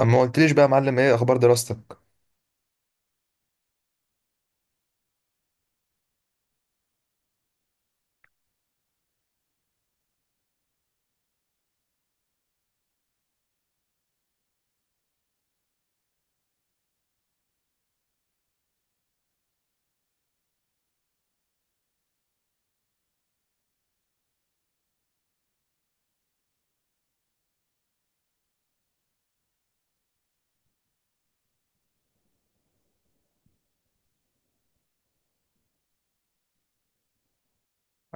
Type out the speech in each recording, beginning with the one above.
اما ما قلتليش بقى يا معلم، ايه اخبار دراستك؟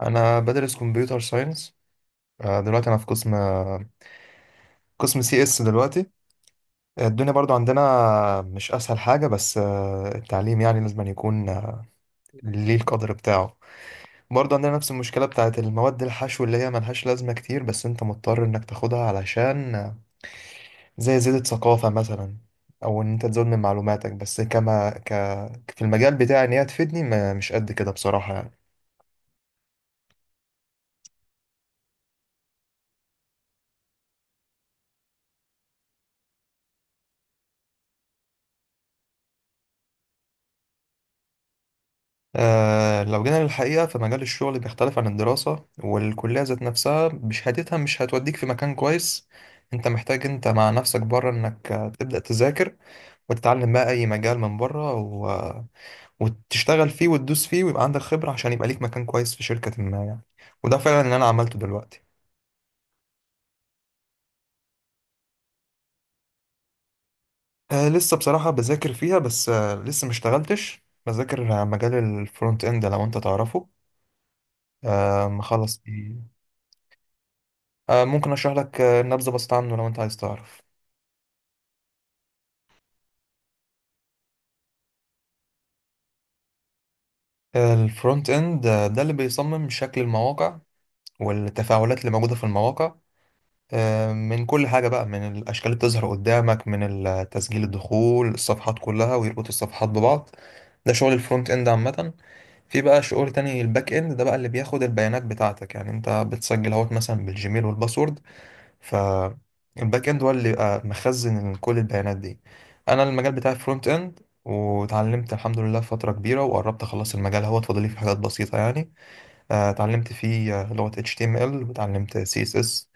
انا بدرس كمبيوتر ساينس. دلوقتي انا في قسم قسم سي اس دلوقتي. الدنيا برضو عندنا مش اسهل حاجه، بس التعليم يعني لازم أن يكون ليه القدر بتاعه. برضو عندنا نفس المشكله بتاعت المواد الحشو اللي هي ملهاش لازمه كتير، بس انت مضطر انك تاخدها علشان زي زيادة ثقافه مثلا، او ان انت تزود من معلوماتك، بس كما ك في المجال بتاعي ان هي تفيدني مش قد كده بصراحه يعني. آه، لو جينا للحقيقة فمجال الشغل بيختلف عن الدراسة، والكلية ذات نفسها بشهادتها مش هتوديك في مكان كويس. انت محتاج انت مع نفسك بره انك تبدأ تذاكر وتتعلم بقى اي مجال من بره و... آه، وتشتغل فيه وتدوس فيه ويبقى عندك خبرة عشان يبقى ليك مكان كويس في شركة ما يعني. وده فعلا اللي انا عملته دلوقتي. آه لسه بصراحة بذاكر فيها، بس آه لسه ما اشتغلتش، بذاكر مجال الفرونت اند لو انت تعرفه. آه مخلص. ممكن اشرح لك نبذه بسيطه عنه لو انت عايز تعرف. الفرونت اند، ده اللي بيصمم شكل المواقع والتفاعلات اللي موجوده في المواقع، من كل حاجه بقى، من الاشكال اللي بتظهر قدامك، من تسجيل الدخول، الصفحات كلها، ويربط الصفحات ببعض. ده شغل الفرونت اند عامه. في بقى شغل تاني، الباك اند، ده بقى اللي بياخد البيانات بتاعتك، يعني انت بتسجل اهوت مثلا بالجيميل والباسورد، فالباك اند هو اللي بيبقى مخزن كل البيانات دي. انا المجال بتاعي فرونت اند، وتعلمت الحمد لله فترة كبيرة وقربت اخلص المجال، هو فاضل لي في حاجات بسيطة يعني. اتعلمت فيه لغة HTML وتعلمت CSS،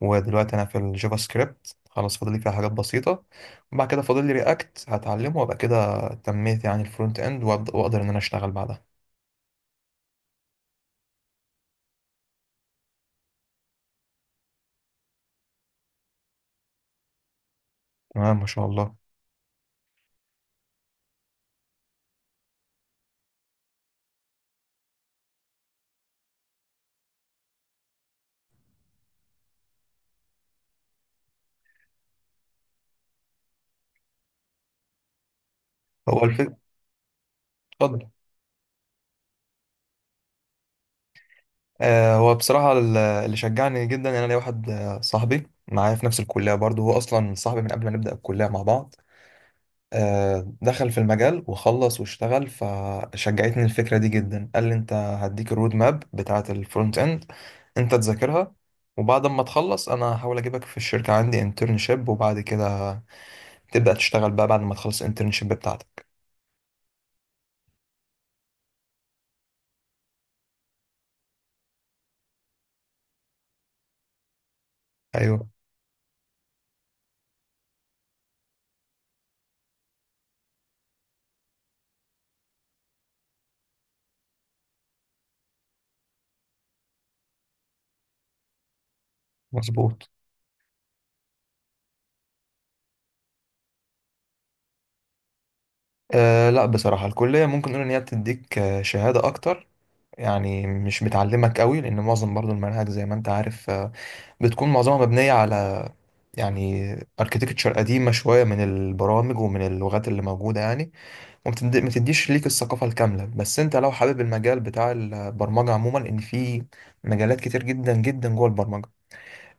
ودلوقتي انا في الجافا سكريبت، خلاص فاضل لي فيها حاجات بسيطة. وبعد كده فاضل لي رياكت هتعلمه، وابقى كده تميت يعني الفرونت اند، واقدر ان انا اشتغل بعدها. تمام، ما شاء الله. هو الفكرة، اتفضل. هو بصراحة اللي شجعني جدا إن أنا ليا واحد صاحبي معايا في نفس الكلية برضه، هو أصلا صاحبي من قبل ما نبدأ الكلية مع بعض. دخل في المجال وخلص واشتغل، فشجعتني الفكرة دي جدا. قال لي أنت هديك الرود ماب بتاعة الفرونت إند، أنت تذاكرها، وبعد ما تخلص أنا هحاول أجيبك في الشركة عندي انترنشيب، وبعد كده تبدأ تشتغل بقى بعد ما تخلص الانترنشيب بتاعتك. أيوه، مظبوط. أه لا، بصراحة الكلية ممكن نقول إن هي بتديك شهادة أكتر، يعني مش بتعلمك قوي، لان معظم برضو المناهج زي ما انت عارف، بتكون معظمها مبنيه على يعني اركيتكتشر قديمه شويه من البرامج ومن اللغات اللي موجوده يعني. ما تديش ليك الثقافه الكامله. بس انت لو حابب المجال بتاع البرمجه عموما، ان في مجالات كتير جدا جدا جوه البرمجه،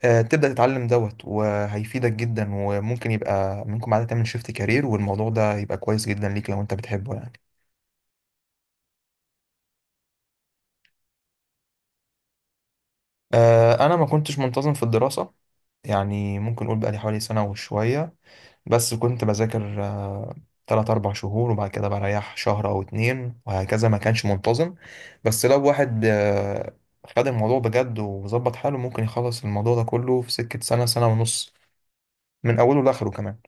تبدا تتعلم دوت وهيفيدك جدا، وممكن يبقى منكم بعد تعمل شيفت كارير، والموضوع ده يبقى كويس جدا ليك لو انت بتحبه يعني. انا ما كنتش منتظم في الدراسه، يعني ممكن اقول بقالي حوالي سنه وشويه، بس كنت بذاكر تلات أربع شهور، وبعد كده بريح شهر أو اتنين، وهكذا ما كانش منتظم. بس لو واحد خد الموضوع بجد وظبط حاله، ممكن يخلص الموضوع ده كله في سكة سنة سنة ونص، من أوله لآخره كمان.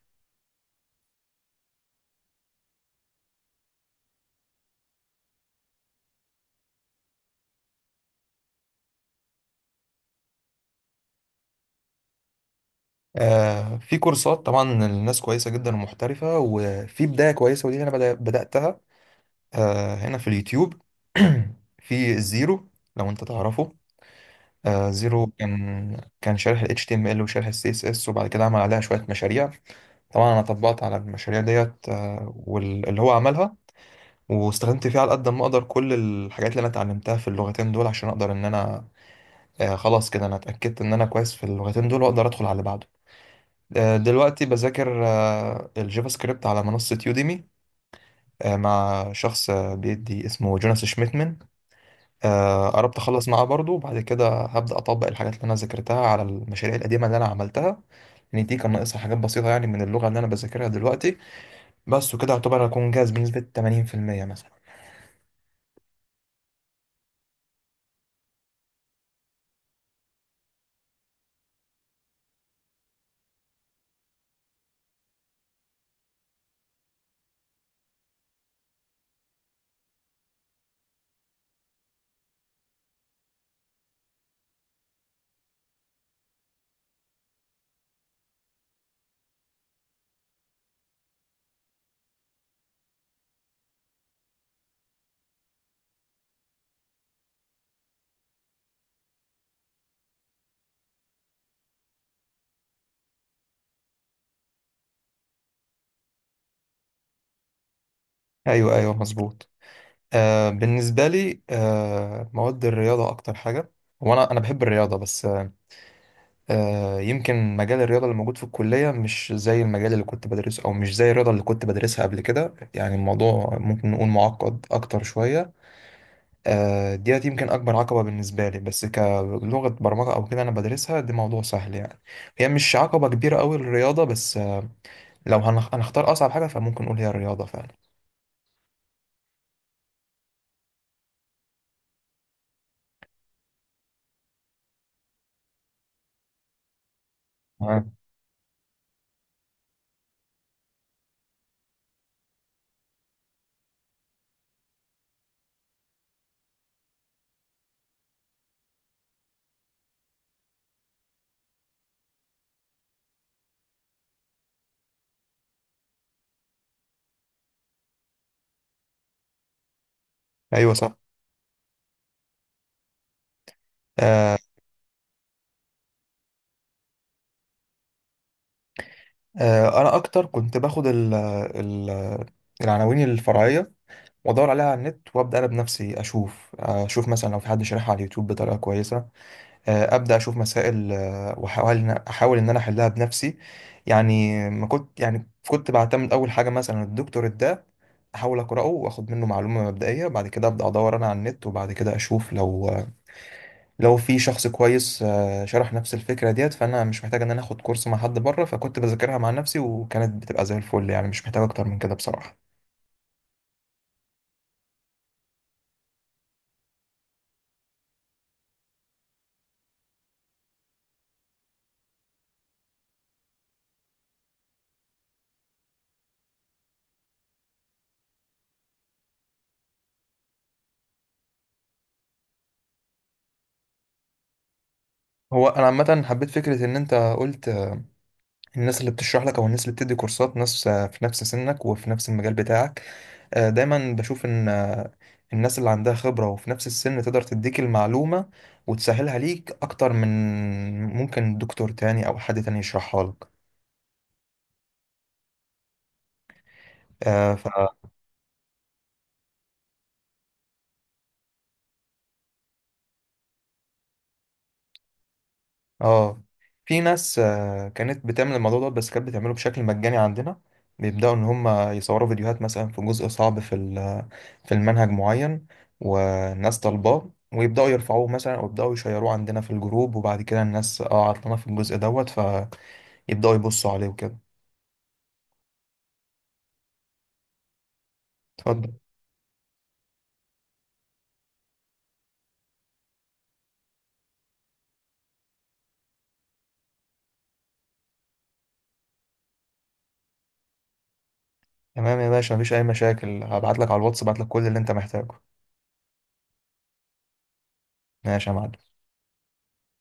في كورسات طبعا، الناس كويسة جدا ومحترفة، وفي بداية كويسة، ودي أنا بدأتها هنا في اليوتيوب. في الزيرو لو أنت تعرفه. زيرو كان شارح ال HTML وشارح ال CSS، وبعد كده عمل عليها شوية مشاريع. طبعا انا طبقت على المشاريع ديت، واللي هو عملها، واستخدمت فيها على قد ما اقدر كل الحاجات اللي انا اتعلمتها في اللغتين دول، عشان اقدر ان انا خلاص كده انا اتاكدت ان انا كويس في اللغتين دول واقدر ادخل على اللي بعده. دلوقتي بذاكر الجافا سكريبت على منصة يوديمي، مع شخص بيدي، اسمه جوناس شميتمن. قربت اخلص معاه برضه، وبعد كده هبدا اطبق الحاجات اللي انا ذاكرتها على المشاريع القديمه اللي انا عملتها، لان دي كان ناقصها حاجات بسيطه يعني من اللغه اللي انا بذاكرها دلوقتي. بس، وكده يعتبر هكون جاهز بنسبة 80% مثلا. أيوه أيوه مظبوط. آه بالنسبة لي، آه مواد الرياضة أكتر حاجة. وأنا بحب الرياضة، بس آه يمكن مجال الرياضة اللي موجود في الكلية مش زي المجال اللي كنت بدرسه، أو مش زي الرياضة اللي كنت بدرسها قبل كده، يعني الموضوع ممكن نقول معقد أكتر شوية. آه ديت يمكن أكبر عقبة بالنسبة لي. بس كلغة برمجة أو كده أنا بدرسها، دي موضوع سهل يعني. هي مش عقبة كبيرة أوي الرياضة، بس آه لو هنختار أصعب حاجة فممكن نقول هي الرياضة فعلا. آه. ايوه، صح. آه آه، انا اكتر كنت باخد ال العناوين الفرعيه، وادور عليها على النت، وابدا انا بنفسي اشوف اشوف مثلا لو في حد شارحها على اليوتيوب بطريقه كويسه. ابدا اشوف مسائل احاول ان انا احلها بنفسي، يعني ما كنت، يعني كنت بعتمد اول حاجه مثلا الدكتور ده احاول اقراه واخد منه معلومه مبدئيه، بعد كده ابدا ادور انا على النت، وبعد كده اشوف لو في شخص كويس شرح نفس الفكرة ديت، فأنا مش محتاج إن أنا آخد كورس مع حد بره، فكنت بذاكرها مع نفسي وكانت بتبقى زي الفل، يعني مش محتاج أكتر من كده بصراحة. هو أنا عامة حبيت فكرة إن أنت قلت الناس اللي بتشرح لك أو الناس اللي بتدي كورسات، ناس في نفس سنك وفي نفس المجال بتاعك. دايما بشوف إن الناس اللي عندها خبرة وفي نفس السن تقدر تديك المعلومة وتسهلها ليك أكتر من ممكن دكتور تاني أو حد تاني يشرحها لك. اه، في ناس كانت بتعمل الموضوع ده، بس كانت بتعمله بشكل مجاني عندنا. بيبدأوا إن هم يصوروا فيديوهات مثلا في جزء صعب في في المنهج معين، والناس طالباه، ويبدأوا يرفعوه مثلا، أو يبدأوا يشيروه عندنا في الجروب، وبعد كده الناس اه عطلانة في الجزء دوت، فيبدأوا يبصوا عليه وكده. اتفضل. تمام يا باشا، مفيش أي مشاكل، هبعت لك على الواتس، هبعت لك كل اللي أنت محتاجه. ماشي يا معلم.